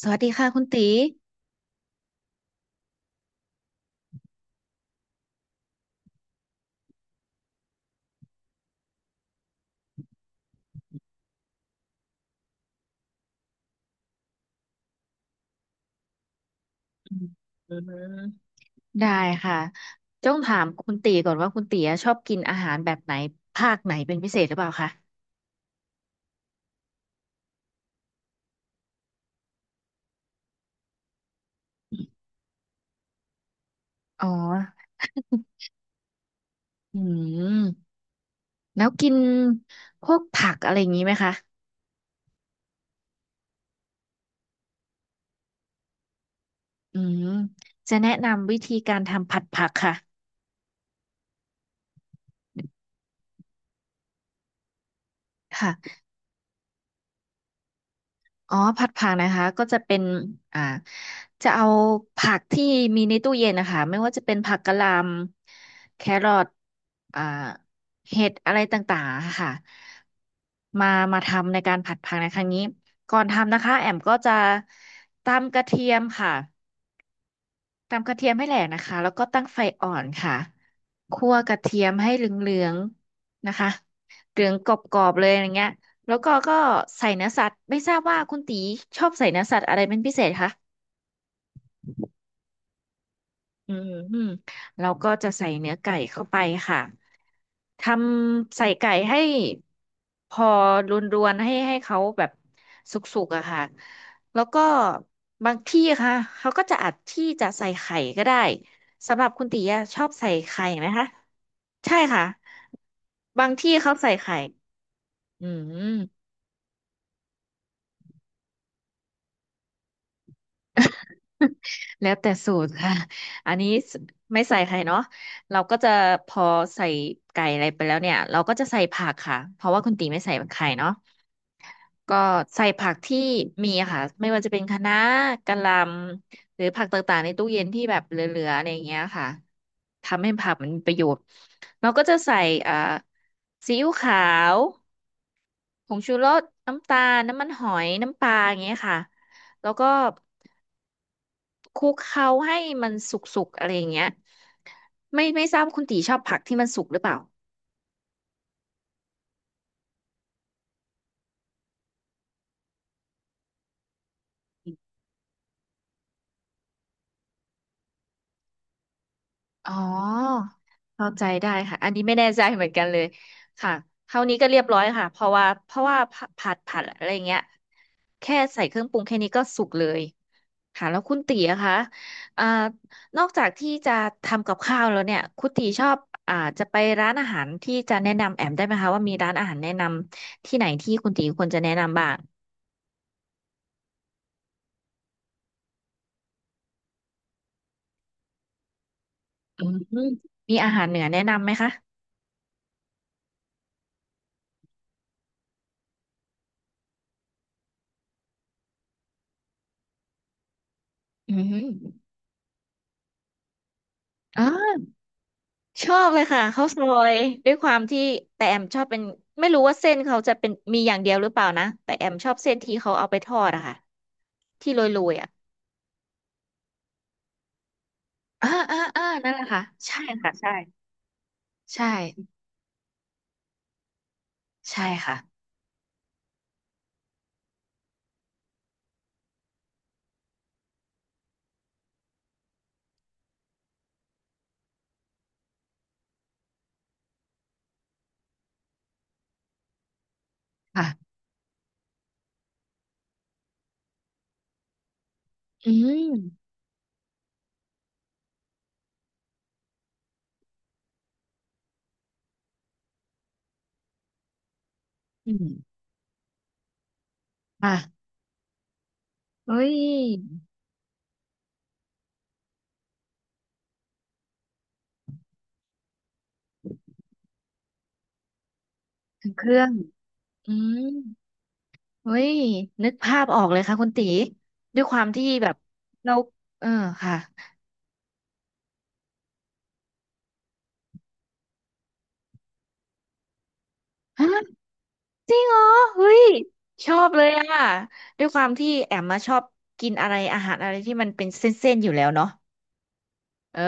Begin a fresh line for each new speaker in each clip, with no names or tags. สวัสดีค่ะคุณตีอืมอืมได้ค่ะต้องถามคุณตีก่อนว่าคุณตีอะชอบกินอาหารแบบไหนภาคไหนเป็นพิเศษหรือเปล่าคะอ๋ออืมแล้วกินพวกผักอะไรอย่างนี้ไหมคะอืมจะแนะนำวิธีการทำผัดผักค่ะค่ะ อ๋อผัดผักนะคะก็จะเป็นอ่าจะเอาผักที่มีในตู้เย็นนะคะไม่ว่าจะเป็นผักกะหล่ำแครอทอ่าเห็ดอะไรต่างๆอะค่ะมามาทำในการผัดผักในครั้งนี้ก่อนทำนะคะแอมก็จะตำกระเทียมค่ะ ตำกระเทียมให้แหลกนะคะแล้วก็ตั้งไฟอ่อนค่ะคั่วกระเทียมให้เหลืองๆนะคะเหลืองกรอบๆเลยอย่างเงี้ยแล้วก็ใส่เนื้อสัตว์ไม่ทราบว่าคุณตีชอบใส่เนื้อสัตว์อะไรเป็นพิเศษคะอืมเราก็จะใส่เนื้อไก่เข้าไปค่ะ ทำใส่ไก่ให้พอรวนๆให้เขาแบบสุกๆอะค่ะแล้วก็บางที่ค่ะเขาก็จะอัดที่จะใส่ไข่ก็ได้สำหรับคุณตีอะชอบใส่ไข่ไหมคะใช่ค่ะบางที่เขาใส่ไข่อืม แล้วแต่สูตรค่ะอันนี้ไม่ใส่ไข่เนาะเราก็จะพอใส่ไก่อะไรไปแล้วเนี่ยเราก็จะใส่ผักค่ะเพราะว่าคุณตีไม่ใส่ไข่เนาะ ก็ใส่ผักที่มีอะค่ะไม่ว่าจะเป็นคะน้ากะหล่ำหรือผักต่างๆในตู้เย็นที่แบบเหลือๆอะไรอย่างเงี้ยค่ะทำให้ผักมันมีประโยชน์เราก็จะใส่อ่าซีอิ๊วขาวผงชูรสน้ำตาลน้ำมันหอยน้ำปลาอย่างเงี้ยค่ะแล้วก็คลุกเคล้าให้มันสุกๆอะไรอย่างเงี้ยไม่ทราบคุณตีชอบผักที่มันสุกหรือเปล่า อ๋อเข้าใจได้ค่ะอันนี้ไม่แน่ใจเหมือนกันเลยค่ะเท่านี้ก็เรียบร้อยค่ะเพราะว่าผัดอะไรเงี้ยแค่ใส่เครื่องปรุงแค่นี้ก็สุกเลยค่ะแล้วคุณตีอะคะอ่านอกจากที่จะทำกับข้าวแล้วเนี่ยคุณตีชอบอ่าจะไปร้านอาหารที่จะแนะนำแอมได้ไหมคะว่ามีร้านอาหารแนะนำที่ไหนที่คุณตีควรจะแนะนำบ้างอืมมีอาหารเหนือแนะนำไหมคะอืม ชอบเลยค่ะข้าวซอยด้วยความที่แต่แอมชอบเป็นไม่รู้ว่าเส้นเขาจะเป็นมีอย่างเดียวหรือเปล่านะแต่แอมชอบเส้นที่เขาเอาไปทอดอะค่ะที่โรยๆอะอ่านั่นแหละค่ะใช่ค่ะใช่ใช่ค่ะค่ะอืมอืมอ่ะเฮ้ยถึงเครื่องอืมเฮ้ยนึกภาพออกเลยค่ะคุณตีด้วยความที่แบบเราเออค่ะ จริงเหรอเฮ้ยชอบเลยอ่ะด้วยความที่แอมมาชอบกินอะไรอาหารอะไรที่มันเป็นเส้นๆอยู่แล้วเนาะเออ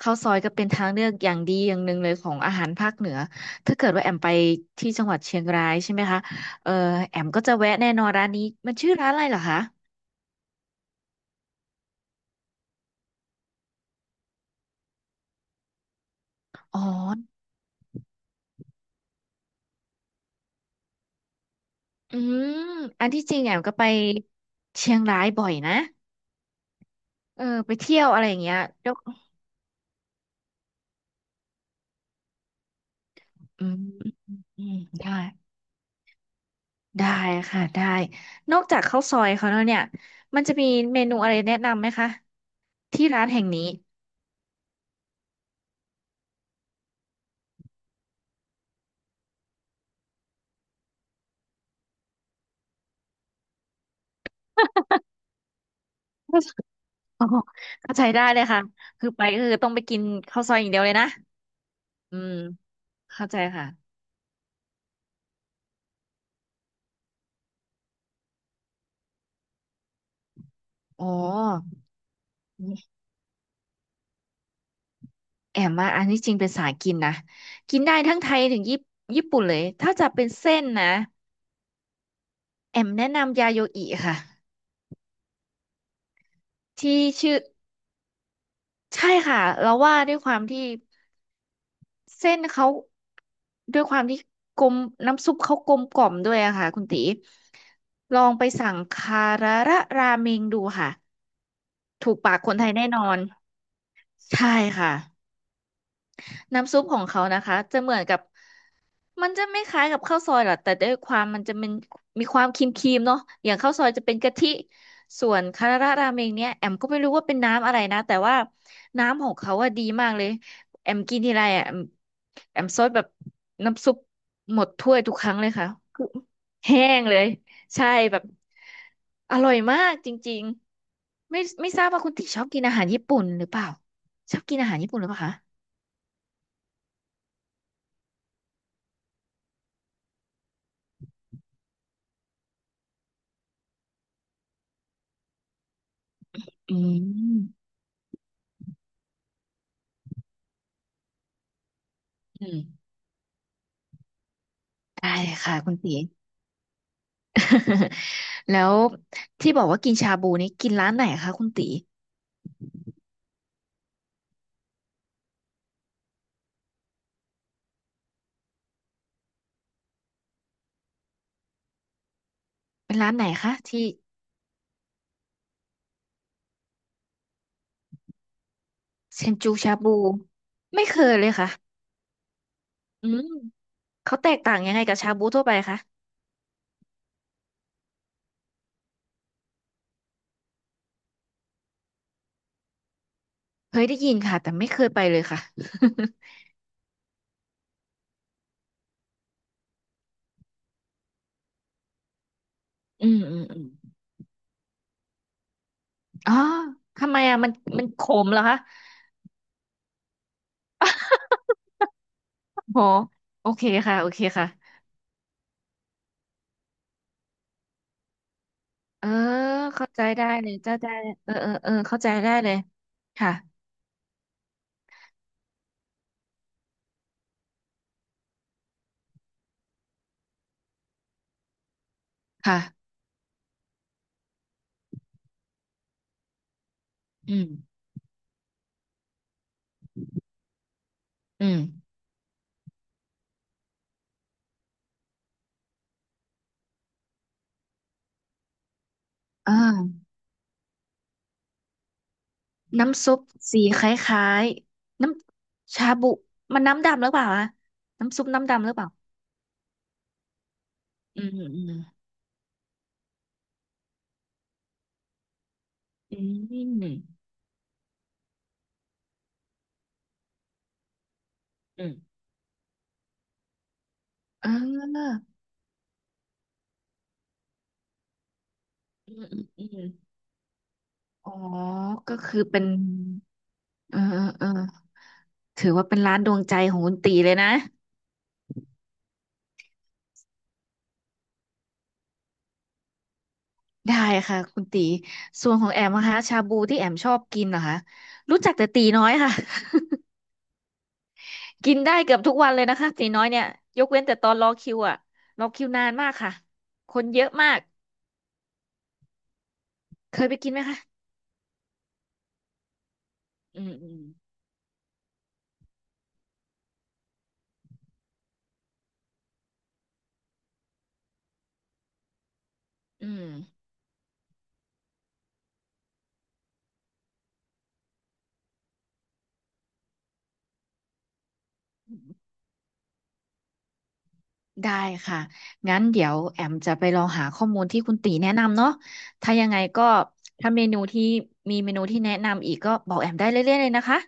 ข้าวซอยก็เป็นทางเลือกอย่างดีอย่างหนึ่งเลยของอาหารภาคเหนือถ้าเกิดว่าแอมไปที่จังหวัดเชียงรายใช่ไหมคะเออแอมก็จะแวะแน่นอนร้านนี้มันชื่อร้านอะไรเหรอคะอ๋ออืมอันที่จริงแอมก็ไปเชียงรายบ่อยนะเออไปเที่ยวอะไรอย่างเงี้ยยกอืมอืมได้ ได้ค่ะได้นอกจากข้าวซอยเขาแล้วเนี่ยมันจะมีเมนูอะไรแนะนำไหมคะที่ร้านแห่งนี้ อ๋อเข้าใจได้เลยค่ะคือไปก็คือต้องไปกินข้าวซอยอย่างเดียวเลยนะอืมเข้าใจค่ะอ๋อแอมมาอันนี้จริงเป็นสายกินนะกินได้ทั้งไทยถึงญี่ปุ่นเลยถ้าจะเป็นเส้นนะแอมแนะนำยาโยอิค่ะที่ชื่อใช่ค่ะเราว่าด้วยความที่ เส้นเขาด้วยความที่กลมน้ำซุปเขากลมกล่อมด้วยอะค่ะคุณตีลองไปสั่งคาราระราเมงดูค่ะถูกปากคนไทยแน่นอนใช่ค่ะน้ำซุปของเขานะคะจะเหมือนกับ มันจะไม่คล้ายกับข้าวซอยหรอกแต่ด้วยความมันจะเป็นมีความครีมๆเนาะอย่างข้าวซอยจะเป็นกะทิส่วนคาราราเมงเนี่ยแอมก็ไม่รู้ว่าเป็นน้ำอะไรนะแต่ว่าน้ำของเขาอะดีมากเลยแอมกินทีไรอะแอมซดแบบน้ำซุปหมดถ้วยทุกครั้งเลยค่ะคือแห้งเลยใช่แบบอร่อยมากจริงๆไม่ทราบว่าคุณติชอบกินอาหารญี่ปุ่นหรือเปล่าชอบกินอาหารญี่ปุ่นหรือเปล่าคะอืมอืมได้เลยค่ะคุณติ แล้วที่บอกว่ากินชาบูนี่กินร้านไหนคะคุณตีเป็นร้านไหนคะที่เซนจูชาบูไม่เคยเลยค่ะอืมเขาแตกต่างยังไงกับชาบูทั่วไปคะเคยได้ยินค่ะแต่ไม่เคยไปเลยค่ะ อืมอืมอืมอ๋อทำไมอ่ะมันขมเหรอคะโหโอเคค่ะโอเคค่ะเออเข้าใจได้เลยเจ้าได้เออเออเออเข้าใจได้เลยค่ะค่ะอืมอืมอ่า น้ำซุปสีคล้ายๆน้ำชาบุมันน้ำดำหรือเปล่าอะน้ำซุปน้ำดำหรือเปล่าอืมอืมอืมอืมอืมเอออืมอืมอืมอ๋อก็คือเป็นเออเออเออถือว่าเป็นร้านดวงใจของคุณตีเลยนะได้ค่ะคุณตีส่วนของแอมนะคะชาบูที่แอมชอบกินเหรอคะรู้จักแต่ตีน้อยค่ะ กินได้เกือบทุกวันเลยนะคะตีน้อยเนี่ยยกเว้นแต่ตอนรอคิวอะรอคิวนานมากค่ะคนเยอะมากเคยไปกินไหมคะอืมอืมอืมได้ค่ะงั้นเดี๋ยวแอมจะไปลองหาข้อมูลที่คุณตีแนะนำเนาะถ้ายังไงก็ถ้าเมนูที่มีเมนูที่แนะนำอีกก็บอกแอมได้เรื่อยๆเลยนะคะ